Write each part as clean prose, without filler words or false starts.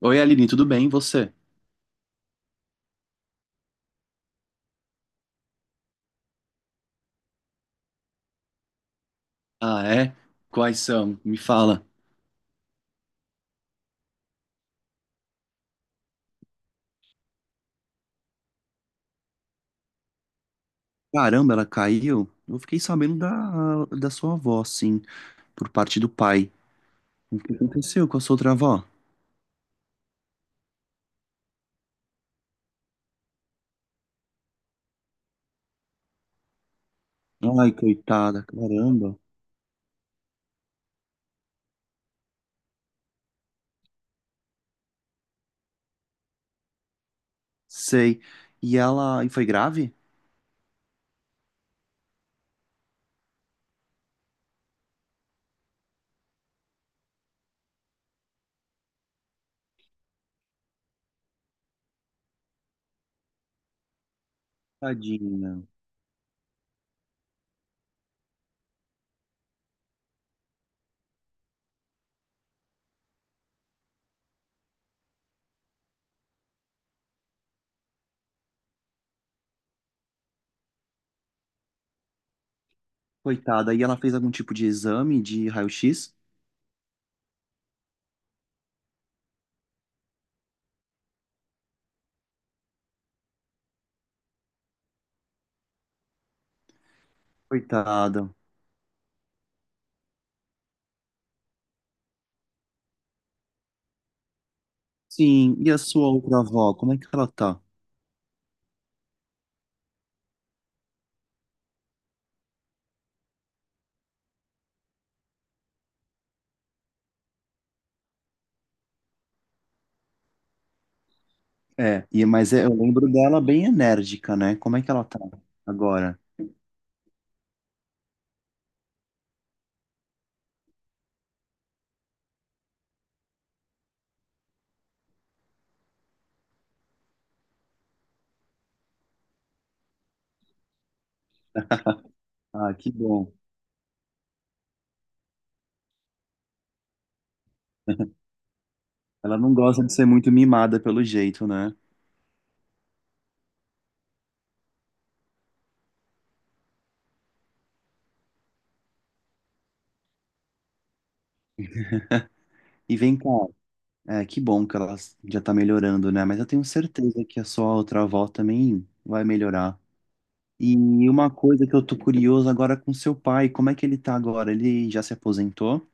Oi, Aline, tudo bem? E você? Ah, é? Quais são? Me fala. Caramba, ela caiu? Eu fiquei sabendo da sua avó, sim, por parte do pai. O que aconteceu com a sua outra avó? Ai, coitada, caramba. Sei. E ela. E foi grave? Tadinha. Coitada. E ela fez algum tipo de exame de raio-x? Coitada. Sim. E a sua outra avó? Como é que ela tá? É, e, mas eu lembro dela bem enérgica, né? Como é que ela tá agora? Ah, que bom. Ela não gosta de ser muito mimada pelo jeito, né? E vem cá, é, que bom que ela já tá melhorando, né? Mas eu tenho certeza que a sua outra avó também vai melhorar. E uma coisa que eu tô curioso agora com seu pai, como é que ele tá agora? Ele já se aposentou?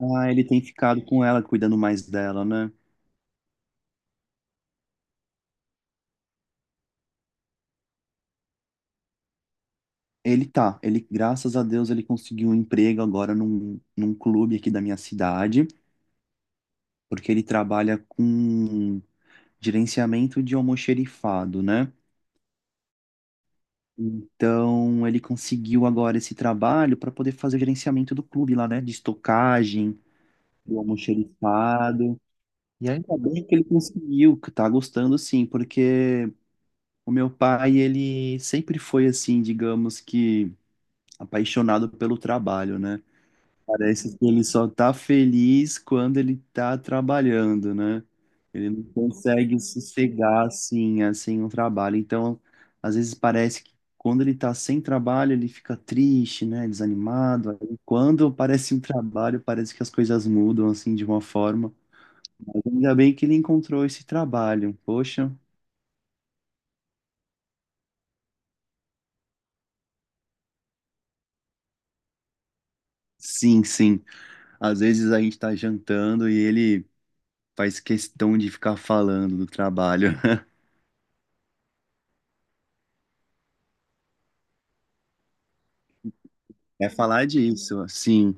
Ah, ele tem ficado com ela, cuidando mais dela, né? Ele tá, ele, graças a Deus, ele conseguiu um emprego agora num clube aqui da minha cidade, porque ele trabalha com gerenciamento de almoxerifado, né? Então, ele conseguiu agora esse trabalho para poder fazer o gerenciamento do clube lá, né? De estocagem, do almoxerifado. E ainda bem que ele conseguiu, que tá gostando sim, porque o meu pai, ele sempre foi assim, digamos que apaixonado pelo trabalho, né? Parece que ele só tá feliz quando ele tá trabalhando, né? Ele não consegue sossegar assim, assim, um trabalho. Então, às vezes parece que quando ele tá sem trabalho, ele fica triste, né? Desanimado. Aí, quando parece um trabalho, parece que as coisas mudam assim de uma forma. Mas ainda bem que ele encontrou esse trabalho. Poxa. Sim, sim. Às vezes a gente tá jantando e ele faz questão de ficar falando do trabalho. É falar disso, sim.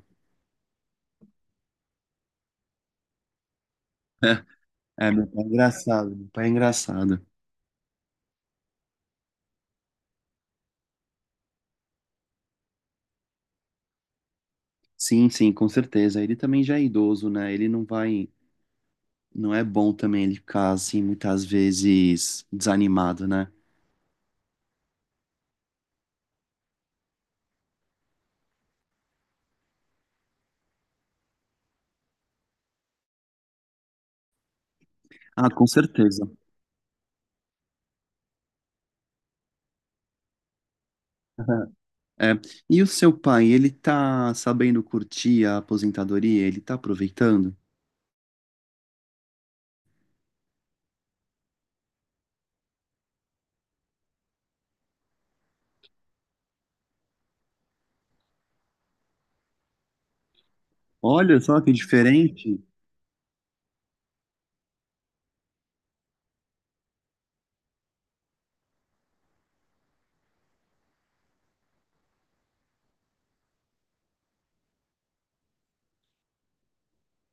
É, meu pai é engraçado, meu pai é engraçado. Sim, sim, com certeza. Ele também já é idoso, né? Ele não vai, não é bom também ele ficar assim muitas vezes desanimado, né? Ah, com certeza. É. E o seu pai, ele tá sabendo curtir a aposentadoria? Ele tá aproveitando? Olha só que diferente.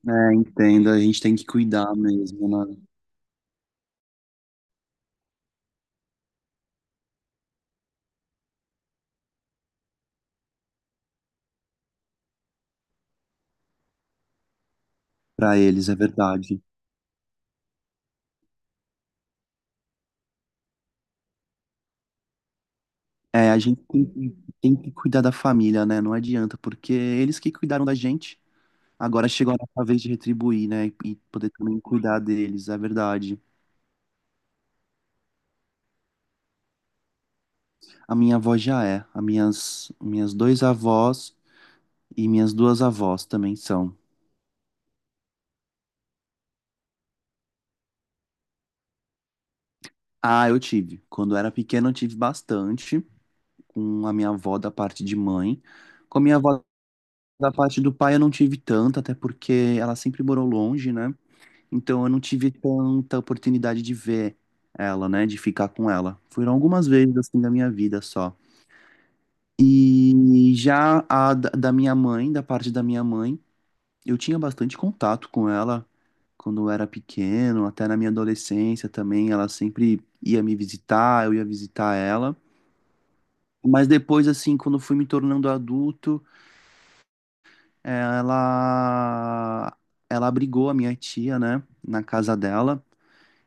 É, entendo, a gente tem que cuidar mesmo, né? Pra eles, é verdade. É, a gente tem que cuidar da família, né? Não adianta, porque é eles que cuidaram da gente. Agora chegou a nossa vez de retribuir, né? E poder também cuidar deles, é verdade. A minha avó já é. As minhas dois avós e minhas duas avós também são. Ah, eu tive. Quando eu era pequeno, eu tive bastante com a minha avó da parte de mãe. Com a minha avó da parte do pai, eu não tive tanto, até porque ela sempre morou longe, né? Então eu não tive tanta oportunidade de ver ela, né? De ficar com ela. Foram algumas vezes assim da minha vida só. E já a da minha mãe, da parte da minha mãe, eu tinha bastante contato com ela quando eu era pequeno, até na minha adolescência também, ela sempre ia me visitar, eu ia visitar ela. Mas depois, assim, quando eu fui me tornando adulto, eh, ela ela abrigou a minha tia, né, na casa dela.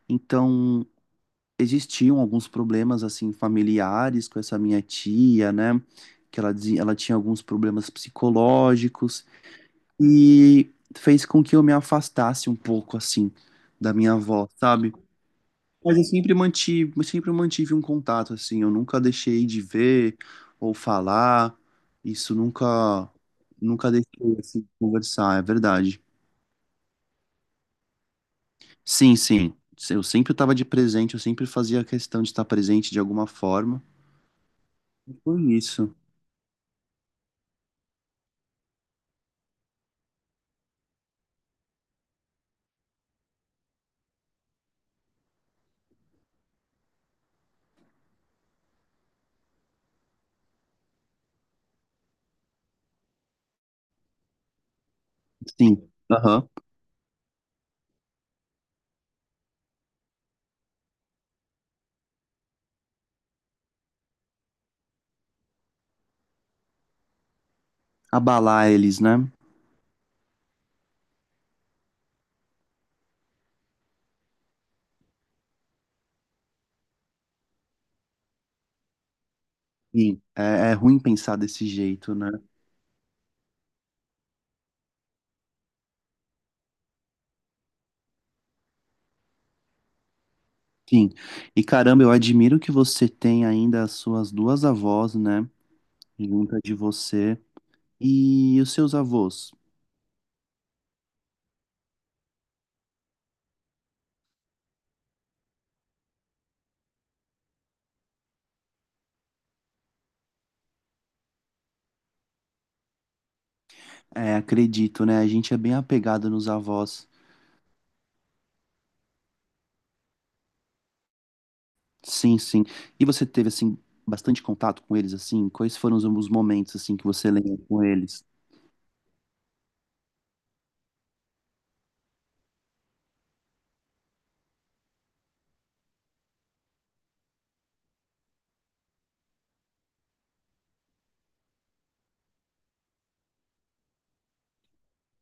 Então, existiam alguns problemas assim familiares com essa minha tia, né? Que ela dizia, ela tinha alguns problemas psicológicos. E fez com que eu me afastasse um pouco, assim, da minha avó, sabe? Mas eu sempre mantive um contato, assim, eu nunca deixei de ver ou falar, isso nunca, nunca deixei, assim, de conversar, é verdade. Sim, sim, eu sempre estava de presente, eu sempre fazia questão de estar presente de alguma forma, Foi isso, sim, aham. Abalar eles, né? Sim, é, é ruim pensar desse jeito, né? Sim. E caramba, eu admiro que você tem ainda as suas duas avós, né? Junta de você. E os seus avós? É, acredito, né? A gente é bem apegado nos avós. Sim, sim. E você teve, assim, bastante contato com eles, assim? Quais foram os momentos, assim, que você lembra com eles?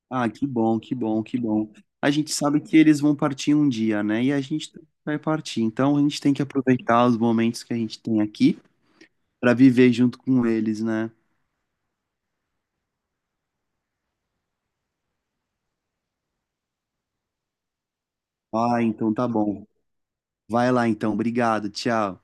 Ah, que bom, que bom, que bom. A gente sabe que eles vão partir um dia, né? E a gente vai partir. Então a gente tem que aproveitar os momentos que a gente tem aqui para viver junto com eles, né? Ah, então tá bom. Vai lá então, obrigado, tchau.